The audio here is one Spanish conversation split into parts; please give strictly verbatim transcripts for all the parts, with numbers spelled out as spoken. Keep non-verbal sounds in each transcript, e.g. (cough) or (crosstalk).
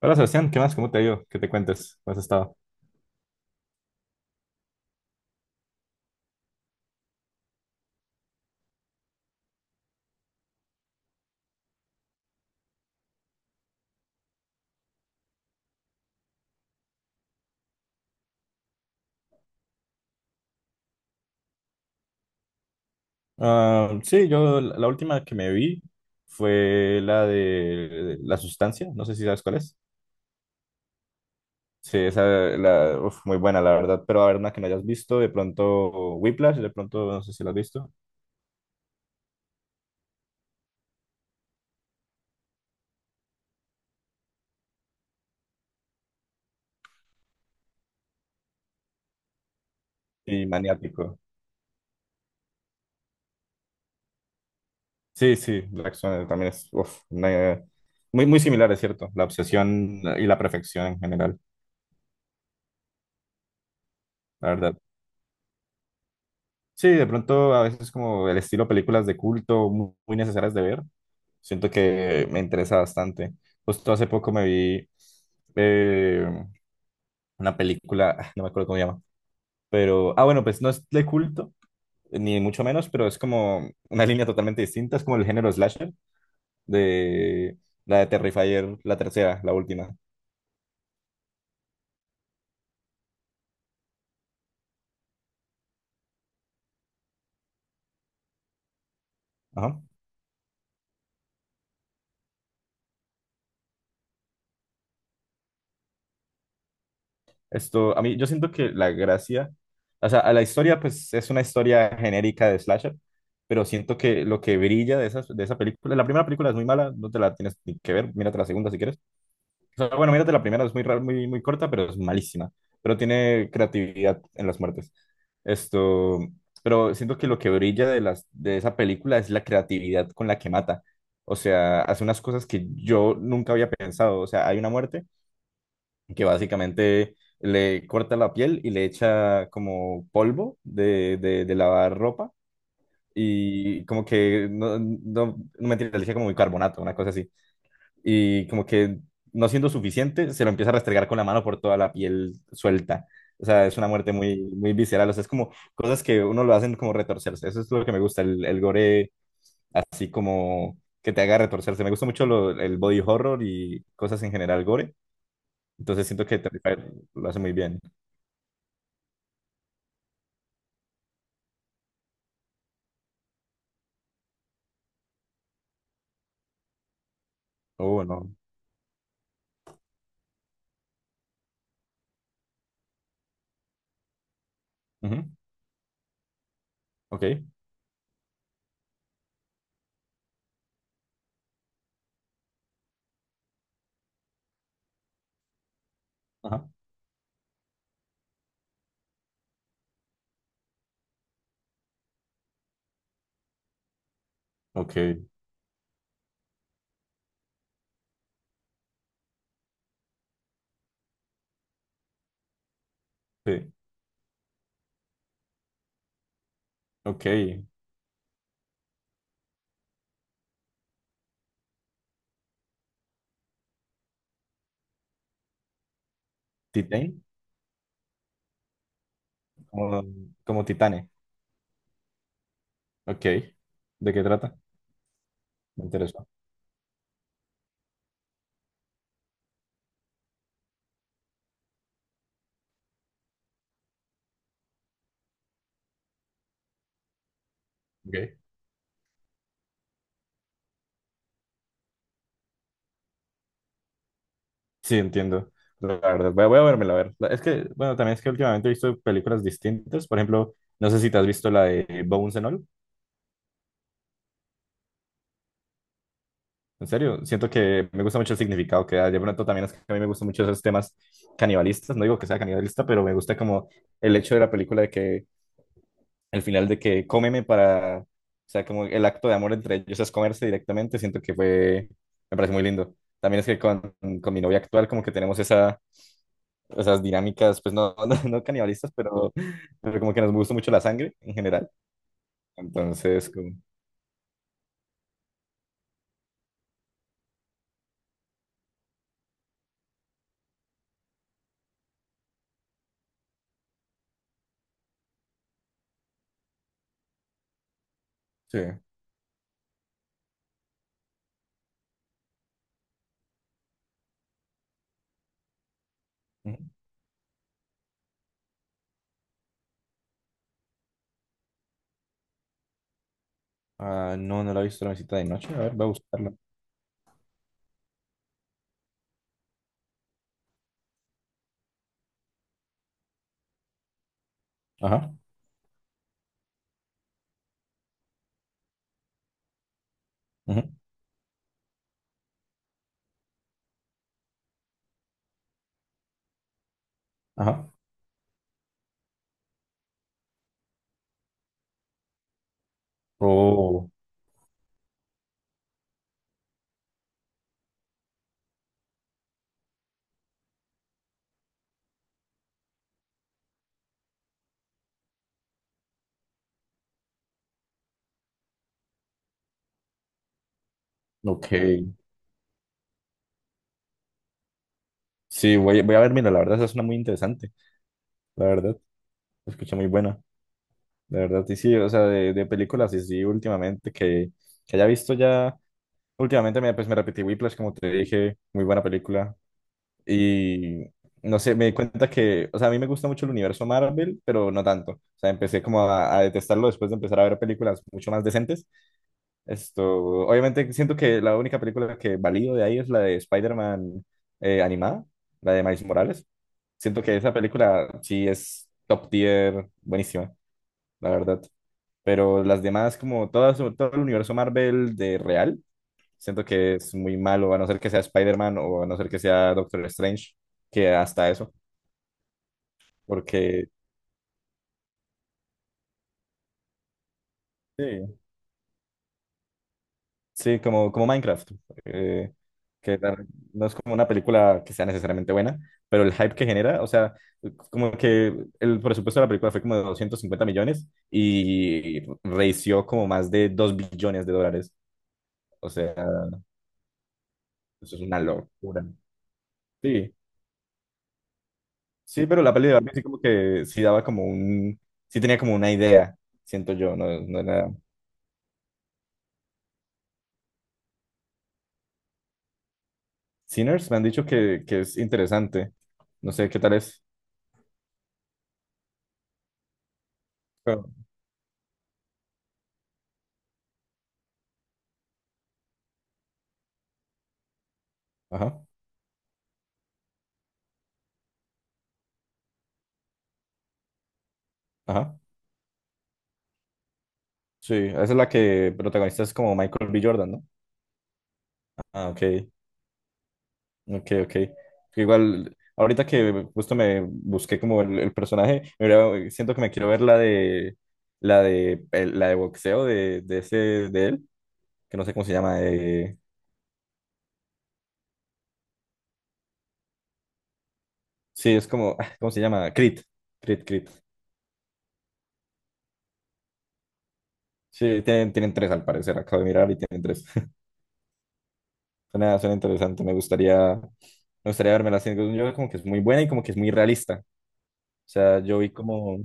Hola Sebastián, ¿qué más? ¿Cómo te ha ido? ¿Qué te cuentes? ¿Cómo has estado? Ah, sí, yo la la última que me vi fue la de La Sustancia, no sé si sabes cuál es. Sí, esa, la, uf, muy buena la verdad, pero a ver una que no hayas visto, de pronto Whiplash, de pronto no sé si la has visto, y Maniático. Sí, sí, Black Swan también es uf, una- muy, muy similar, es cierto, la obsesión y la perfección en general, la verdad. Sí, de pronto a veces como el estilo películas de culto mu- muy, necesarias de ver, siento que me interesa bastante. Justo hace poco me vi eh, una película, ah, no me acuerdo cómo se llama, pero, ah, bueno, pues no es de culto, ni mucho menos, pero es como una línea totalmente distinta, es como el género slasher de la de Terrifier, la tercera, la última. Ajá. Esto, a mí, yo siento que la gracia, o sea, a la historia, pues es una historia genérica de slasher, pero siento que lo que brilla de esa, de esa película, la primera película es muy mala, no te la tienes ni que ver, mírate la segunda si quieres. O sea, bueno, mírate la primera, es muy, ra- muy, muy corta, pero es malísima, pero tiene creatividad en las muertes. Esto, pero siento que lo que brilla de, las, de esa película es la creatividad con la que mata. O sea, hace unas cosas que yo nunca había pensado. O sea, hay una muerte que básicamente le corta la piel y le echa como polvo de, de, de lavar ropa y como que, no, no, no mentira, le echa como bicarbonato, una cosa así. Y como que no siendo suficiente, se lo empieza a restregar con la mano por toda la piel suelta. O sea, es una muerte muy, muy visceral. O sea, es como cosas que uno lo hacen como retorcerse. Eso es lo que me gusta, el, el gore así como que te haga retorcerse. Me gusta mucho lo- el body horror y cosas en general gore. Entonces siento que Terrifier lo hace muy bien. Oh, no. Ujú. Ok. Ajá. Ok. Sí. Ok. Titane. Como, como Titane. Ok. ¿De qué trata? Me interesa. Ok. Sí, entiendo. La verdad, voy a, voy a vérmela, a ver. Es que, bueno, también es que últimamente he visto películas distintas. Por ejemplo, no sé si te has visto la de Bones and All. En serio, siento que me gusta mucho el significado que da. De pronto también es que a mí me gustan mucho esos temas canibalistas. No digo que sea canibalista, pero me gusta como el hecho de la película de que el final de que cómeme para, o sea, como el acto de amor entre ellos es comerse directamente, siento que fue, me parece muy lindo. También es que con, con mi novia actual como que tenemos esa, esas dinámicas, pues no, (laughs) no, no canibalistas, pero, pero como que nos gusta mucho la sangre en general. Entonces, como, sí. Ujú. Ah, no, no la he visto la visita de noche. A ver, voy a buscarla. Ajá. Ujú. Ajá. Oh, ok. Sí, voy, voy a ver, mira, la verdad, esa es una muy interesante. La verdad, se escucha muy buena. De verdad, y sí, o sea, de, de películas y sí, últimamente, que, que haya visto ya, últimamente me, pues me repetí Whiplash, como te dije, muy buena película, y no sé, me di cuenta que, o sea, a mí me gusta mucho el universo Marvel, pero no tanto, o sea, empecé como a, a detestarlo después de empezar a ver películas mucho más decentes, esto, obviamente siento que la única película que valido de ahí es la de Spider-Man eh, animada, la de Miles Morales, siento que esa película sí es top tier, buenísima, la verdad. Pero las demás, como todas, todo el universo Marvel de real, siento que es muy malo, a no ser que sea Spider-Man o a no ser que sea Doctor Strange, que hasta eso, porque sí, sí, como, como Minecraft, eh, que la- no es como una película que sea necesariamente buena, pero el hype que genera, o sea, como que el presupuesto de la película fue como de doscientos cincuenta millones y reició como más de dos billones de dólares, o sea, eso es una locura. Sí. Sí, pero la peli de Barbie sí como que sí daba como un, sí tenía como una idea, siento yo, no, no era... Sinners me han dicho que, que es interesante, no sé qué tal es, pero... Ajá, ajá, sí, esa es la que protagonista es como Michael B. Jordan, ¿no? Ah, ok, ok, ok. Igual, ahorita que justo me busqué como el, el personaje, me hubiera- siento que me quiero ver la de, la de, el- la de boxeo de, de ese, de él, que no sé cómo se llama, eh, sí, es como, (laughs) ah, ¿cómo se llama? Creed. Creed, Creed. Sí, tienen, tienen tres al parecer, acabo de mirar y tienen tres. (laughs) Suena, suena interesante, me gustaría, me gustaría verme la serie. Yo como que es muy buena y como que es muy realista. O sea, yo vi como,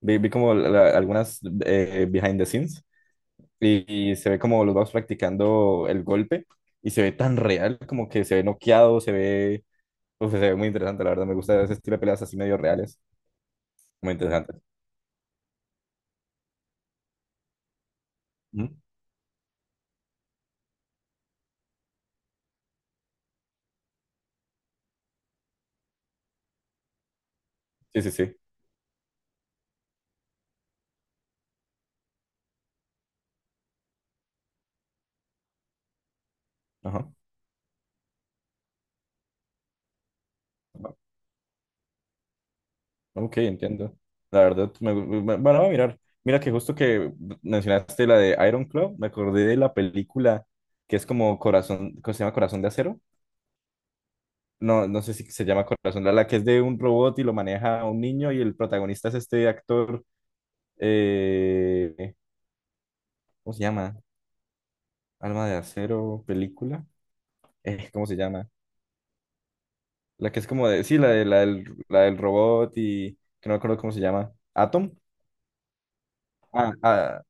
vi, vi como la- la- algunas eh, behind the scenes y, y se ve como los vamos practicando el golpe y se ve tan real, como que se ve noqueado, se ve, uf, se ve muy interesante, la verdad, me gusta ese estilo de peleas así medio reales, muy interesante. Ujú. Sí, sí, sí. Ajá. Ok, entiendo. La verdad, me, me- bueno, voy a mirar. Mira que justo que mencionaste la de Iron Claw, me acordé de la película que es como Corazón, ¿cómo se llama Corazón de Acero? No, no sé si se llama Corazón, la, la que es de un robot y lo maneja un niño y el protagonista es este actor, eh, ¿cómo se llama? Alma de Acero, película, eh, ¿cómo se llama? La que es como de, sí, la, de, la, del, la del robot y que no me acuerdo cómo se llama, Atom. Ah, ah,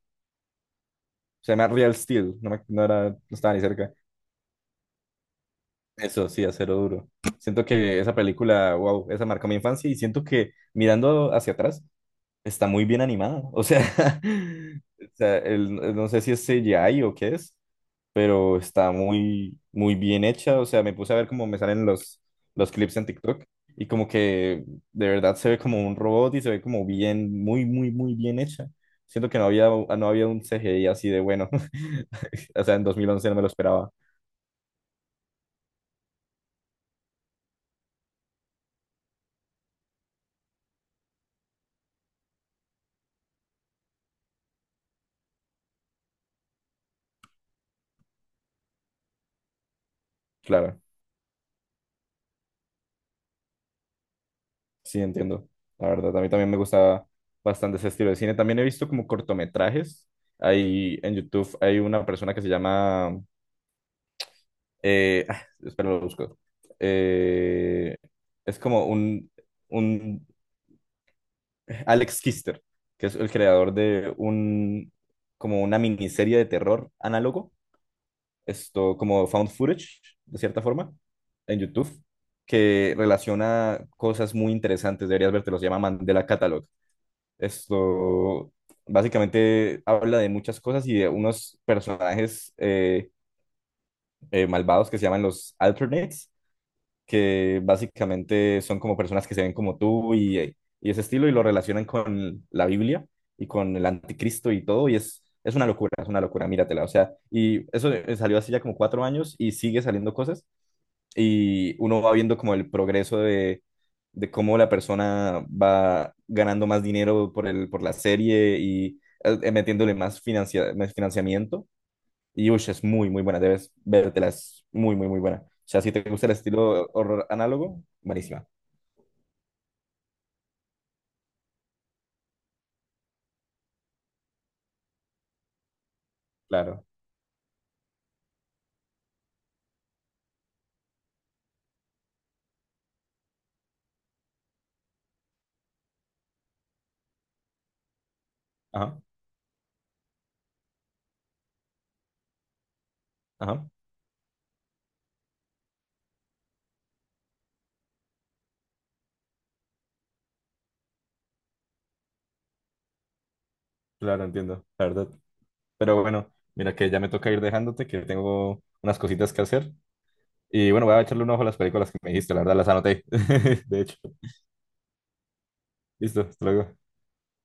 se llama Real Steel, no, me, no, era, no estaba ni cerca. Eso sí, Acero Duro. Siento que esa película, wow, esa marcó mi infancia y siento que mirando hacia atrás está muy bien animada. O sea, (laughs) o sea, el- no sé si es C G I o qué es, pero está muy, muy bien hecha. O sea, me puse a ver cómo me salen los, los clips en TikTok y como que de verdad se ve como un robot y se ve como bien, muy, muy, muy bien hecha. Siento que no había, no había un C G I así de bueno. (laughs) O sea, en dos mil once no me lo esperaba, claro. Sí, entiendo. La verdad, a mí también me gusta bastante ese estilo de cine. También he visto como cortometrajes. Hay en YouTube, hay una persona que se llama... Eh, ah, espera, lo busco. Eh, es como un, un Alex Kister, que es el creador de un, como una miniserie de terror análogo. Esto como found footage, de cierta forma, en YouTube, que relaciona cosas muy interesantes. Deberías verte, los llama Mandela Catalog. Esto básicamente habla de muchas cosas y de unos personajes eh, eh, malvados que se llaman los Alternates, que básicamente son como personas que se ven como tú y, eh, y ese estilo y lo relacionan con la Biblia y con el anticristo y todo. Y es, es una locura, es una locura, míratela. O sea, y eso eh, salió hace ya como cuatro años y sigue saliendo cosas y uno va viendo como el progreso de, de cómo la persona va ganando más dinero por el, por la serie y eh, metiéndole más, financia- más financiamiento. Y uy, es muy, muy buena, debes vértela, es muy, muy, muy buena. O sea, si te gusta el estilo horror análogo, buenísima. Claro, ajá, ajá, claro, entiendo, la verdad. Pero bueno, mira que ya me toca ir dejándote, que tengo unas cositas que hacer. Y bueno, voy a echarle un ojo a las películas que me dijiste, la verdad las anoté. (laughs) De hecho, listo, hasta luego.